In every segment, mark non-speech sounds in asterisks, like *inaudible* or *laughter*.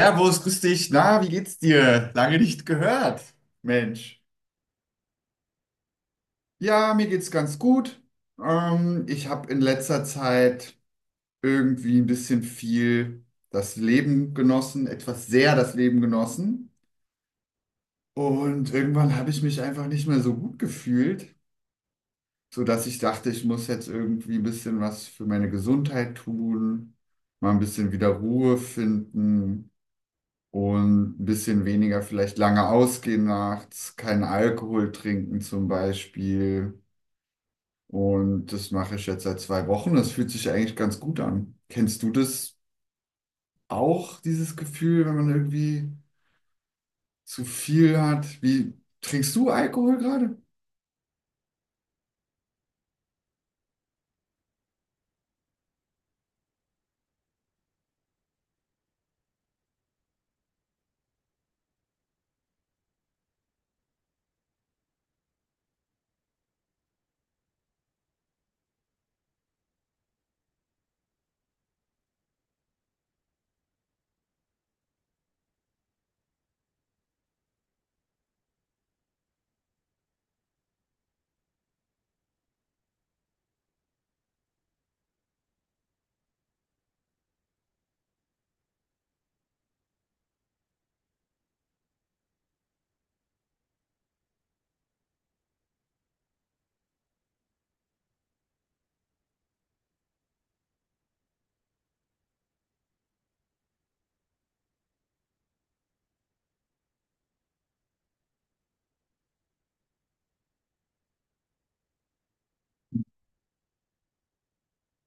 Servus, grüß dich. Na, wie geht's dir? Lange nicht gehört, Mensch. Ja, mir geht's ganz gut. Ich habe in letzter Zeit irgendwie ein bisschen viel das Leben genossen, etwas sehr das Leben genossen. Und irgendwann habe ich mich einfach nicht mehr so gut gefühlt, sodass ich dachte, ich muss jetzt irgendwie ein bisschen was für meine Gesundheit tun, mal ein bisschen wieder Ruhe finden. Und ein bisschen weniger vielleicht lange ausgehen nachts, keinen Alkohol trinken zum Beispiel. Und das mache ich jetzt seit 2 Wochen. Das fühlt sich eigentlich ganz gut an. Kennst du das auch, dieses Gefühl, wenn man irgendwie zu viel hat? Wie trinkst du Alkohol gerade?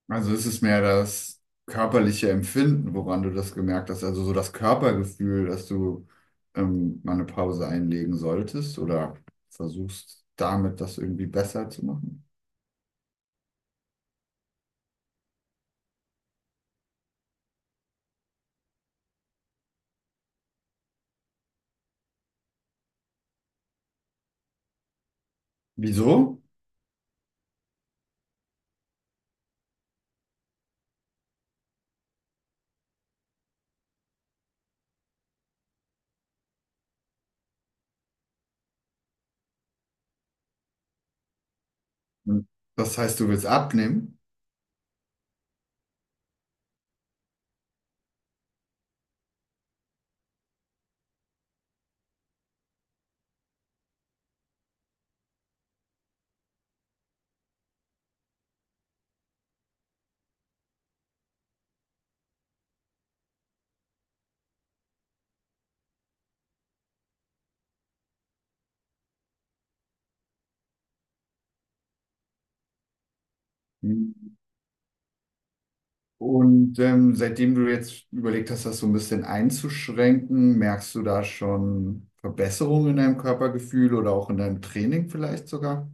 Also ist es mehr das körperliche Empfinden, woran du das gemerkt hast, also so das Körpergefühl, dass du mal eine Pause einlegen solltest oder versuchst damit das irgendwie besser zu machen? Wieso? Und das heißt, du willst abnehmen? Und seitdem du jetzt überlegt hast, das so ein bisschen einzuschränken, merkst du da schon Verbesserungen in deinem Körpergefühl oder auch in deinem Training vielleicht sogar?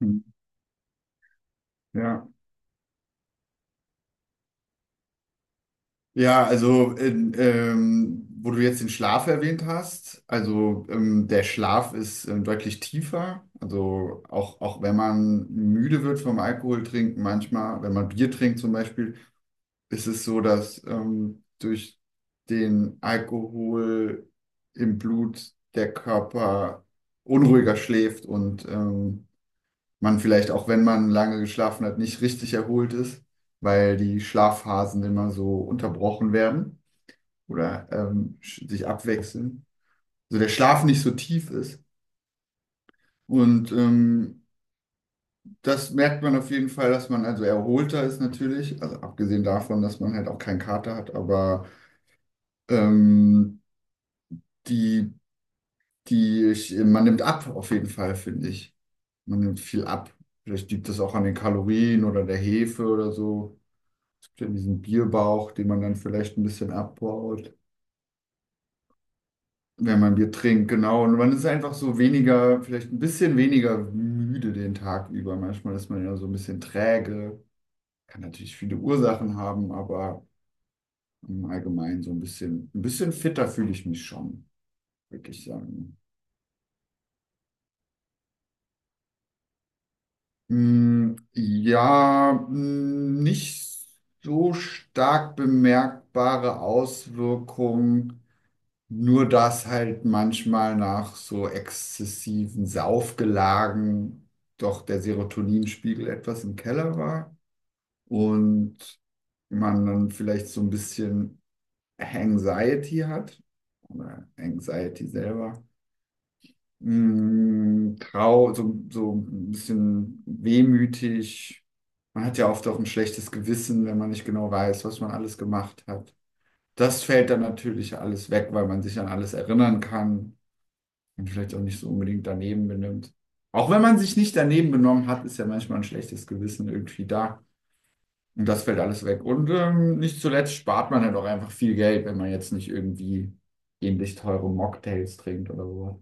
Hm. Ja. Ja, also wo du jetzt den Schlaf erwähnt hast, also der Schlaf ist deutlich tiefer. Also auch wenn man müde wird vom Alkohol trinken, manchmal, wenn man Bier trinkt zum Beispiel, ist es so, dass durch den Alkohol im Blut der Körper unruhiger schläft und man vielleicht auch, wenn man lange geschlafen hat, nicht richtig erholt ist, weil die Schlafphasen immer so unterbrochen werden oder sich abwechseln. Also der Schlaf nicht so tief ist. Und das merkt man auf jeden Fall, dass man also erholter ist natürlich, also abgesehen davon, dass man halt auch keinen Kater hat, aber ähm, die, man nimmt ab, auf jeden Fall, finde ich. Man nimmt viel ab. Vielleicht liegt das auch an den Kalorien oder der Hefe oder so. Es gibt ja diesen Bierbauch, den man dann vielleicht ein bisschen abbaut, wenn man Bier trinkt, genau. Und man ist einfach so weniger, vielleicht ein bisschen weniger müde den Tag über. Manchmal ist man ja so ein bisschen träge. Kann natürlich viele Ursachen haben, aber im Allgemeinen so ein bisschen fitter fühle ich mich schon, würde ich sagen. Mm, ja, nicht so stark bemerkbare Auswirkungen, nur dass halt manchmal nach so exzessiven Saufgelagen doch der Serotoninspiegel etwas im Keller war und man dann vielleicht so ein bisschen Anxiety hat oder Anxiety selber so ein bisschen wehmütig. Man hat ja oft auch ein schlechtes Gewissen, wenn man nicht genau weiß, was man alles gemacht hat. Das fällt dann natürlich alles weg, weil man sich an alles erinnern kann und vielleicht auch nicht so unbedingt daneben benimmt. Auch wenn man sich nicht daneben benommen hat, ist ja manchmal ein schlechtes Gewissen irgendwie da. Und das fällt alles weg. Und nicht zuletzt spart man halt auch einfach viel Geld, wenn man jetzt nicht irgendwie ähnlich teure Mocktails trinkt oder sowas.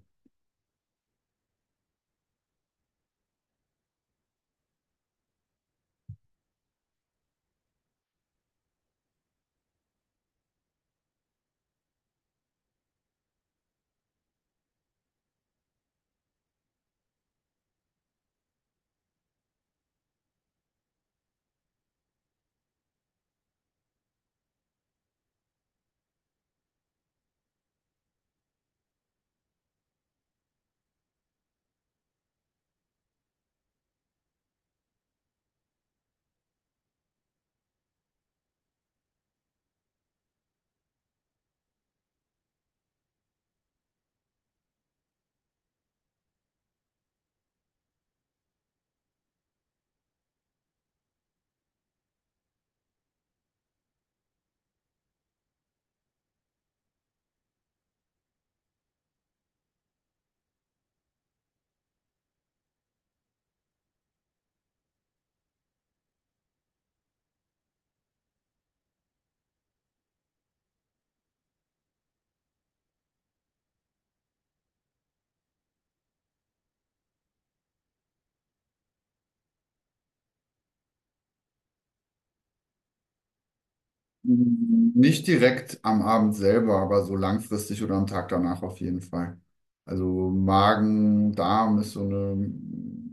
Nicht direkt am Abend selber, aber so langfristig oder am Tag danach auf jeden Fall. Also Magen, Darm ist so eine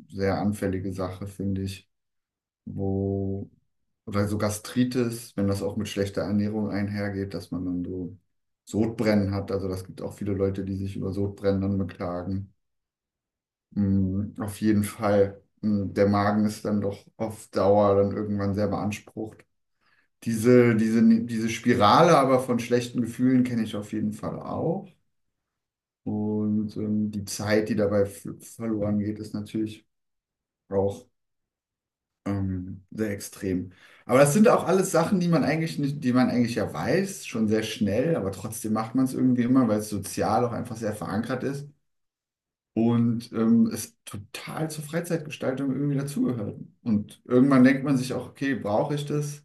sehr anfällige Sache, finde ich, wo oder so Gastritis, wenn das auch mit schlechter Ernährung einhergeht, dass man dann so Sodbrennen hat. Also das gibt auch viele Leute, die sich über Sodbrennen dann beklagen. Mm, auf jeden Fall. Der Magen ist dann doch auf Dauer dann irgendwann sehr beansprucht. Diese Spirale aber von schlechten Gefühlen kenne ich auf jeden Fall auch. Und die Zeit, die dabei verloren geht, ist natürlich auch sehr extrem. Aber das sind auch alles Sachen, die man eigentlich nicht, die man eigentlich ja weiß, schon sehr schnell, aber trotzdem macht man es irgendwie immer, weil es sozial auch einfach sehr verankert ist. Und es total zur Freizeitgestaltung irgendwie dazugehörten. Und irgendwann denkt man sich auch, okay, brauche ich das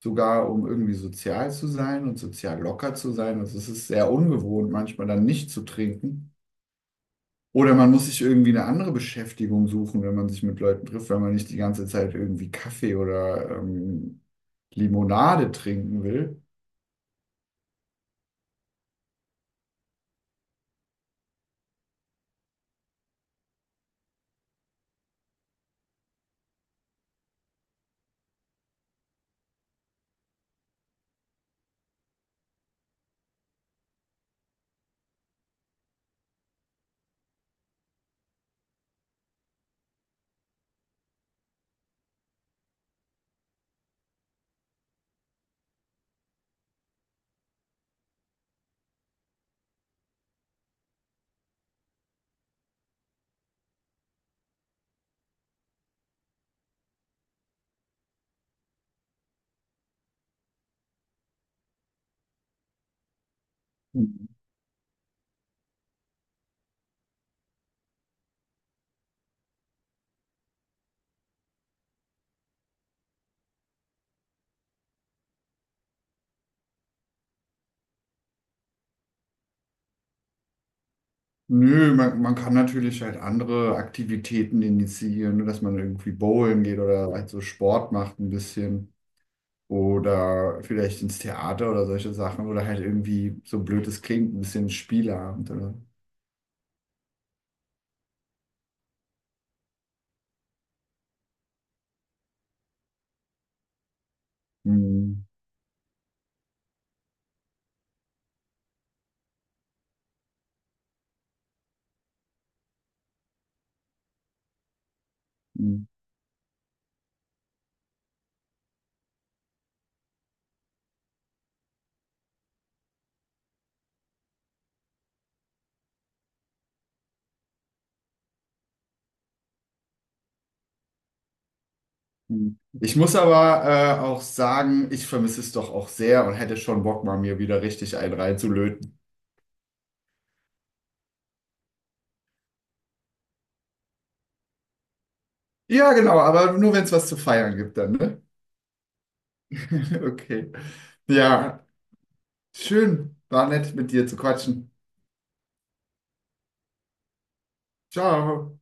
sogar, um irgendwie sozial zu sein und sozial locker zu sein? Also es ist sehr ungewohnt, manchmal dann nicht zu trinken. Oder man muss sich irgendwie eine andere Beschäftigung suchen, wenn man sich mit Leuten trifft, wenn man nicht die ganze Zeit irgendwie Kaffee oder Limonade trinken will. Nö, man kann natürlich halt andere Aktivitäten initiieren, ne, dass man irgendwie bowlen geht oder halt so Sport macht ein bisschen oder vielleicht ins Theater oder solche Sachen oder halt irgendwie, so blöd es klingt, ein bisschen Spieleabend oder. Hm, hm, hm. Ich muss aber auch sagen, ich vermisse es doch auch sehr und hätte schon Bock, mal mir wieder richtig einen reinzulöten. Ja, genau, aber nur wenn es was zu feiern gibt dann, ne? *laughs* Okay. Ja, schön, war nett mit dir zu quatschen. Ciao.